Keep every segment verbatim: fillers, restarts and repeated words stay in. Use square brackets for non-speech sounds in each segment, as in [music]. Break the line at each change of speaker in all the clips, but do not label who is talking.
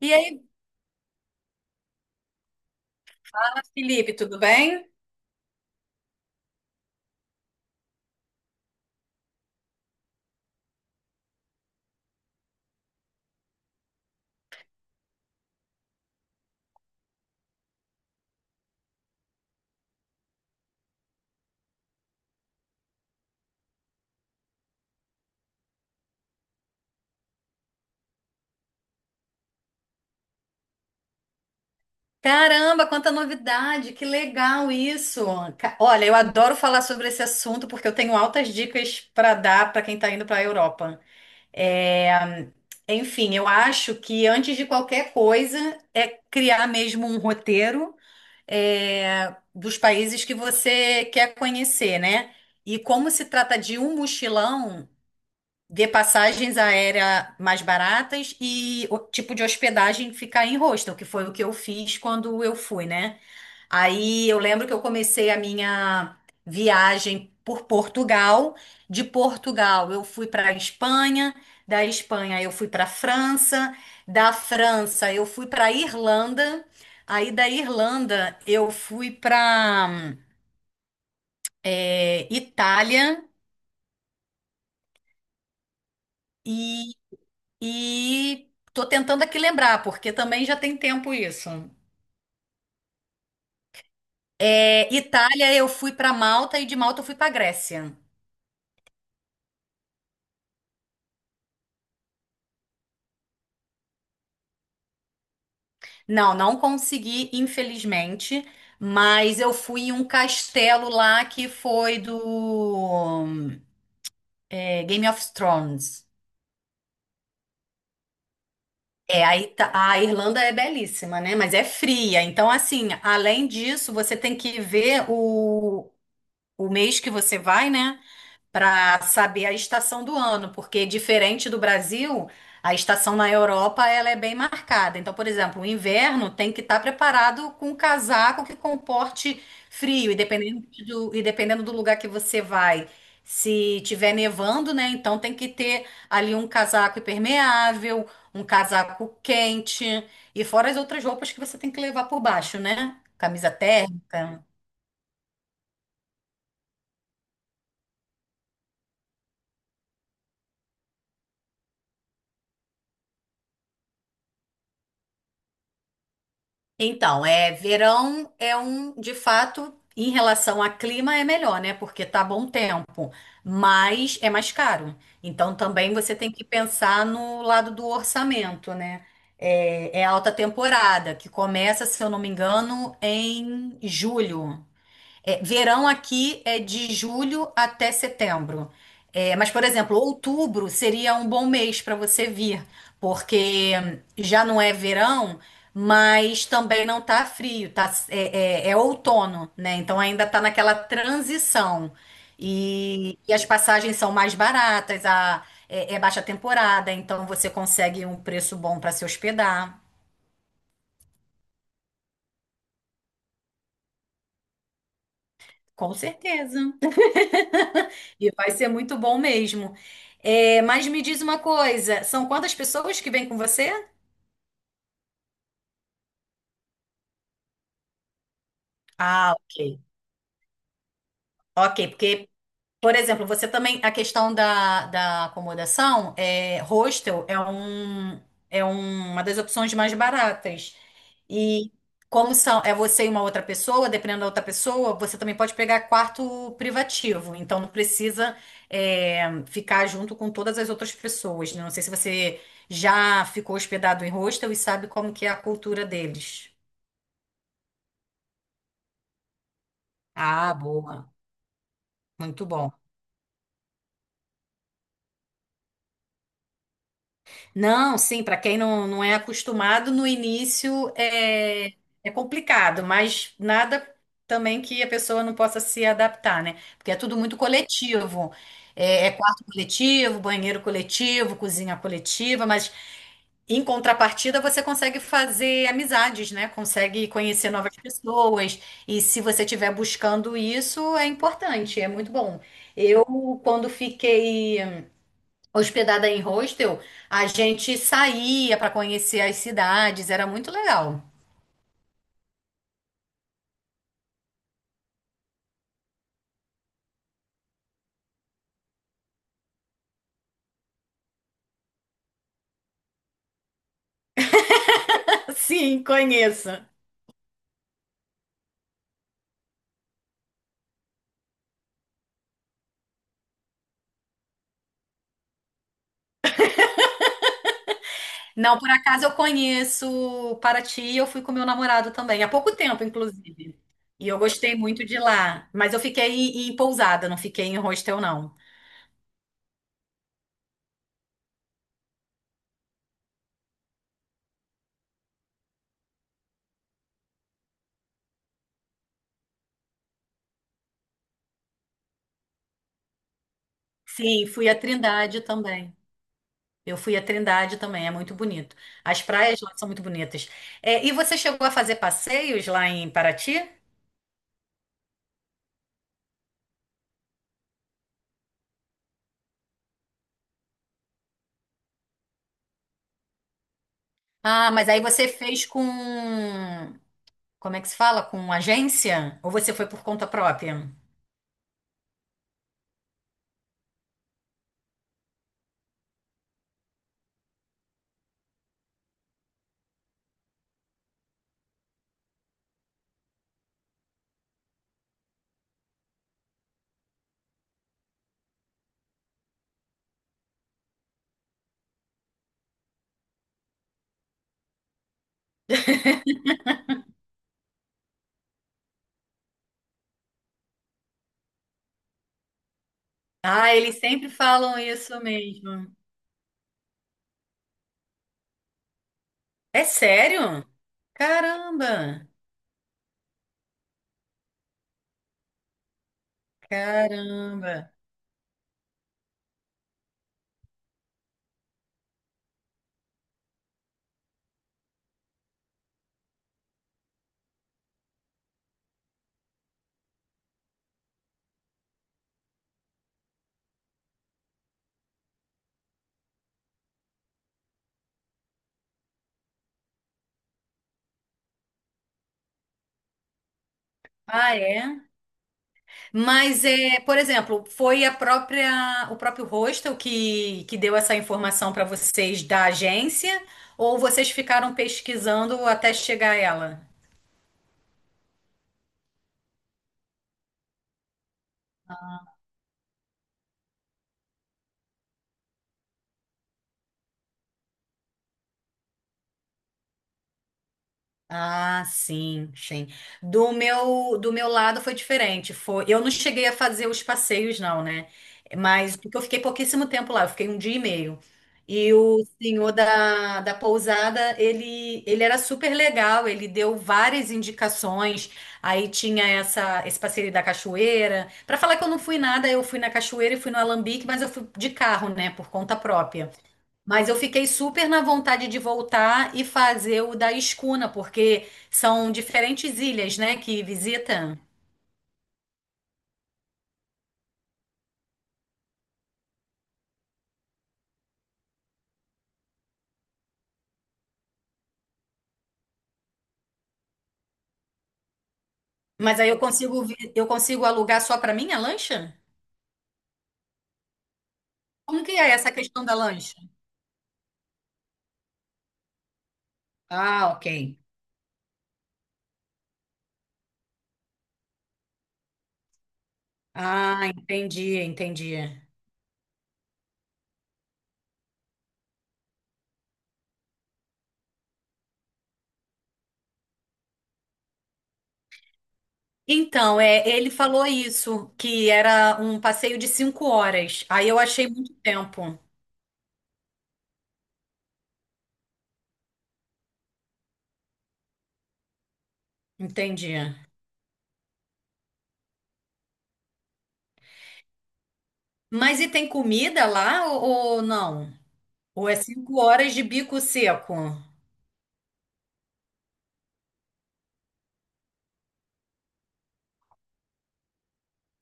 E aí, fala, Felipe, tudo bem? Caramba, quanta novidade, que legal isso. Ca- Olha, eu adoro falar sobre esse assunto porque eu tenho altas dicas para dar para quem está indo para a Europa. É, Enfim, eu acho que antes de qualquer coisa é criar mesmo um roteiro é, dos países que você quer conhecer, né? E como se trata de um mochilão, ver passagens aéreas mais baratas e o tipo de hospedagem ficar em hostel, que foi o que eu fiz quando eu fui, né? Aí eu lembro que eu comecei a minha viagem por Portugal. De Portugal eu fui para a Espanha, da Espanha eu fui para a França, da França eu fui para a Irlanda, aí da Irlanda eu fui para Itália. E tô tentando aqui lembrar, porque também já tem tempo isso. É, Itália, eu fui para Malta e de Malta eu fui para Grécia. Não, não consegui, infelizmente, mas eu fui em um castelo lá que foi do é, Game of Thrones. É, a, Ita- a Irlanda é belíssima, né? Mas é fria. Então, assim, além disso, você tem que ver o, o mês que você vai, né? Para saber a estação do ano, porque diferente do Brasil, a estação na Europa ela é bem marcada. Então, por exemplo, o inverno tem que estar preparado com um casaco que comporte frio, e dependendo do, e dependendo do lugar que você vai. Se tiver nevando, né? Então tem que ter ali um casaco impermeável, um casaco quente, e fora as outras roupas que você tem que levar por baixo, né? Camisa térmica. Então, é, verão é um, de fato, em relação a clima é melhor, né? Porque tá bom tempo, mas é mais caro. Então, também você tem que pensar no lado do orçamento, né? É, é a alta temporada, que começa, se eu não me engano, em julho. É, verão aqui é de julho até setembro. É, mas, por exemplo, outubro seria um bom mês para você vir, porque já não é verão, mas também não tá frio, tá, é, é- é outono, né? Então ainda tá naquela transição. E, e as passagens são mais baratas, a, é, é baixa temporada, então você consegue um preço bom para se hospedar. Com certeza. [laughs] E vai ser muito bom mesmo. É, mas me diz uma coisa, são quantas pessoas que vêm com você? Ah, ok. Ok, porque, por exemplo, você também, a questão da, da acomodação, é, hostel é um, é um, uma das opções mais baratas. E como são, é você e uma outra pessoa, dependendo da outra pessoa, você também pode pegar quarto privativo. Então não precisa é, ficar junto com todas as outras pessoas, né? Não sei se você já ficou hospedado em hostel e sabe como que é a cultura deles. Ah, boa. Muito bom. Não, sim, para quem não, não é acostumado, no início é, é complicado, mas nada também que a pessoa não possa se adaptar, né? Porque é tudo muito coletivo. É, é quarto coletivo, banheiro coletivo, cozinha coletiva, mas em contrapartida você consegue fazer amizades, né? Consegue conhecer novas pessoas. E se você estiver buscando isso, é importante, é muito bom. Eu, quando fiquei hospedada em hostel, a gente saía para conhecer as cidades, era muito legal. [laughs] Sim, conheço. Não, por acaso eu conheço Paraty, eu fui com meu namorado também, há pouco tempo, inclusive. E eu gostei muito de lá, mas eu fiquei em em pousada, não fiquei em hostel, não. Sim, fui a Trindade também. Eu fui a Trindade também, é muito bonito. As praias lá são muito bonitas. É, e você chegou a fazer passeios lá em Paraty? Ah, mas aí você fez com. Como é que se fala? Com agência? Ou você foi por conta própria? Ah, eles sempre falam isso mesmo. É sério? Caramba! Caramba! Ah, é? Mas, é, por exemplo, foi a própria, o próprio hostel que, que deu essa informação para vocês da agência? Ou vocês ficaram pesquisando até chegar a ela? Ah, sim, sim. Do meu, do meu lado foi diferente. Foi, eu não cheguei a fazer os passeios, não, né? Mas porque eu fiquei pouquíssimo tempo lá, eu fiquei um dia e meio. E o senhor da, da pousada, ele, ele era super legal, ele deu várias indicações. Aí tinha essa, esse passeio da cachoeira. Para falar que eu não fui nada, eu fui na cachoeira e fui no Alambique, mas eu fui de carro, né, por conta própria. Mas eu fiquei super na vontade de voltar e fazer o da Escuna, porque são diferentes ilhas, né, que visita. Mas aí eu consigo, vi- eu consigo alugar só para mim a lancha? Como que é essa questão da lancha? Ah, ok. Ah, entendi, entendi. Então, é, ele falou isso, que era um passeio de cinco horas. Aí eu achei muito tempo. Entendi. Mas e tem comida lá ou, ou não? Ou é cinco horas de bico seco?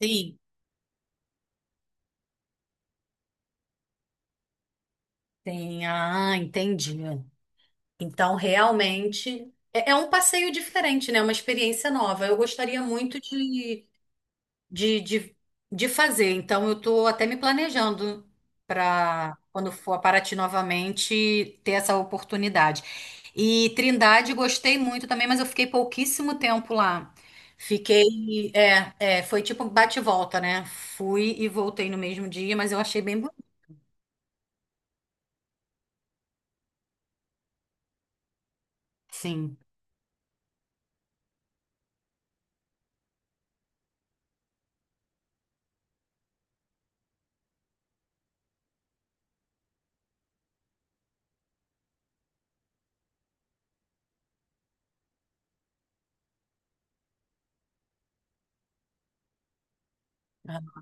Sim. Sim, ah, entendi. Então, realmente, é, é um passeio diferente, né? Uma experiência nova. Eu gostaria muito de, de, de, de fazer. Então, eu estou até me planejando para, quando for a Paraty novamente, ter essa oportunidade. E Trindade, gostei muito também, mas eu fiquei pouquíssimo tempo lá. Fiquei, é, é, foi tipo bate e volta, né? Fui e voltei no mesmo dia, mas eu achei bem bonito, sim. Ah.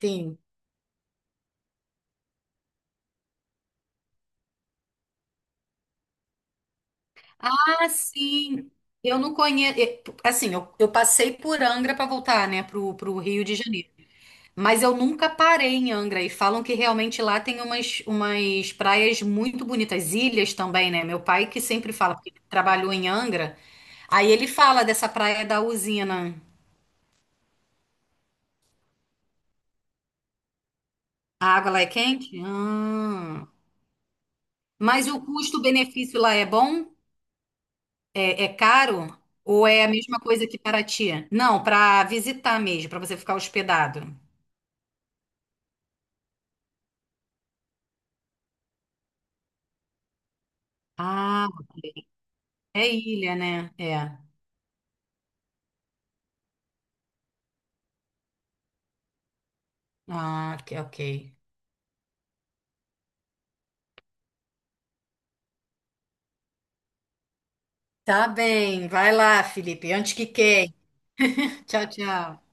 Sim. Ah, sim. Eu não conheço. Assim, eu, eu passei por Angra para voltar, né, pro, pro Rio de Janeiro. Mas eu nunca parei em Angra. E falam que realmente lá tem umas, umas praias muito bonitas, ilhas também, né? Meu pai que sempre fala, porque ele trabalhou em Angra. Aí ele fala dessa praia da usina. A água lá é quente? Ah. Mas o custo-benefício lá é bom? É, é caro? Ou é a mesma coisa que Paraty? Não, para visitar mesmo, para você ficar hospedado. Ah. É ilha, né? É. Ah, ok, ok. Tá bem. Vai lá, Felipe. Antes que queime. [laughs] Tchau, tchau.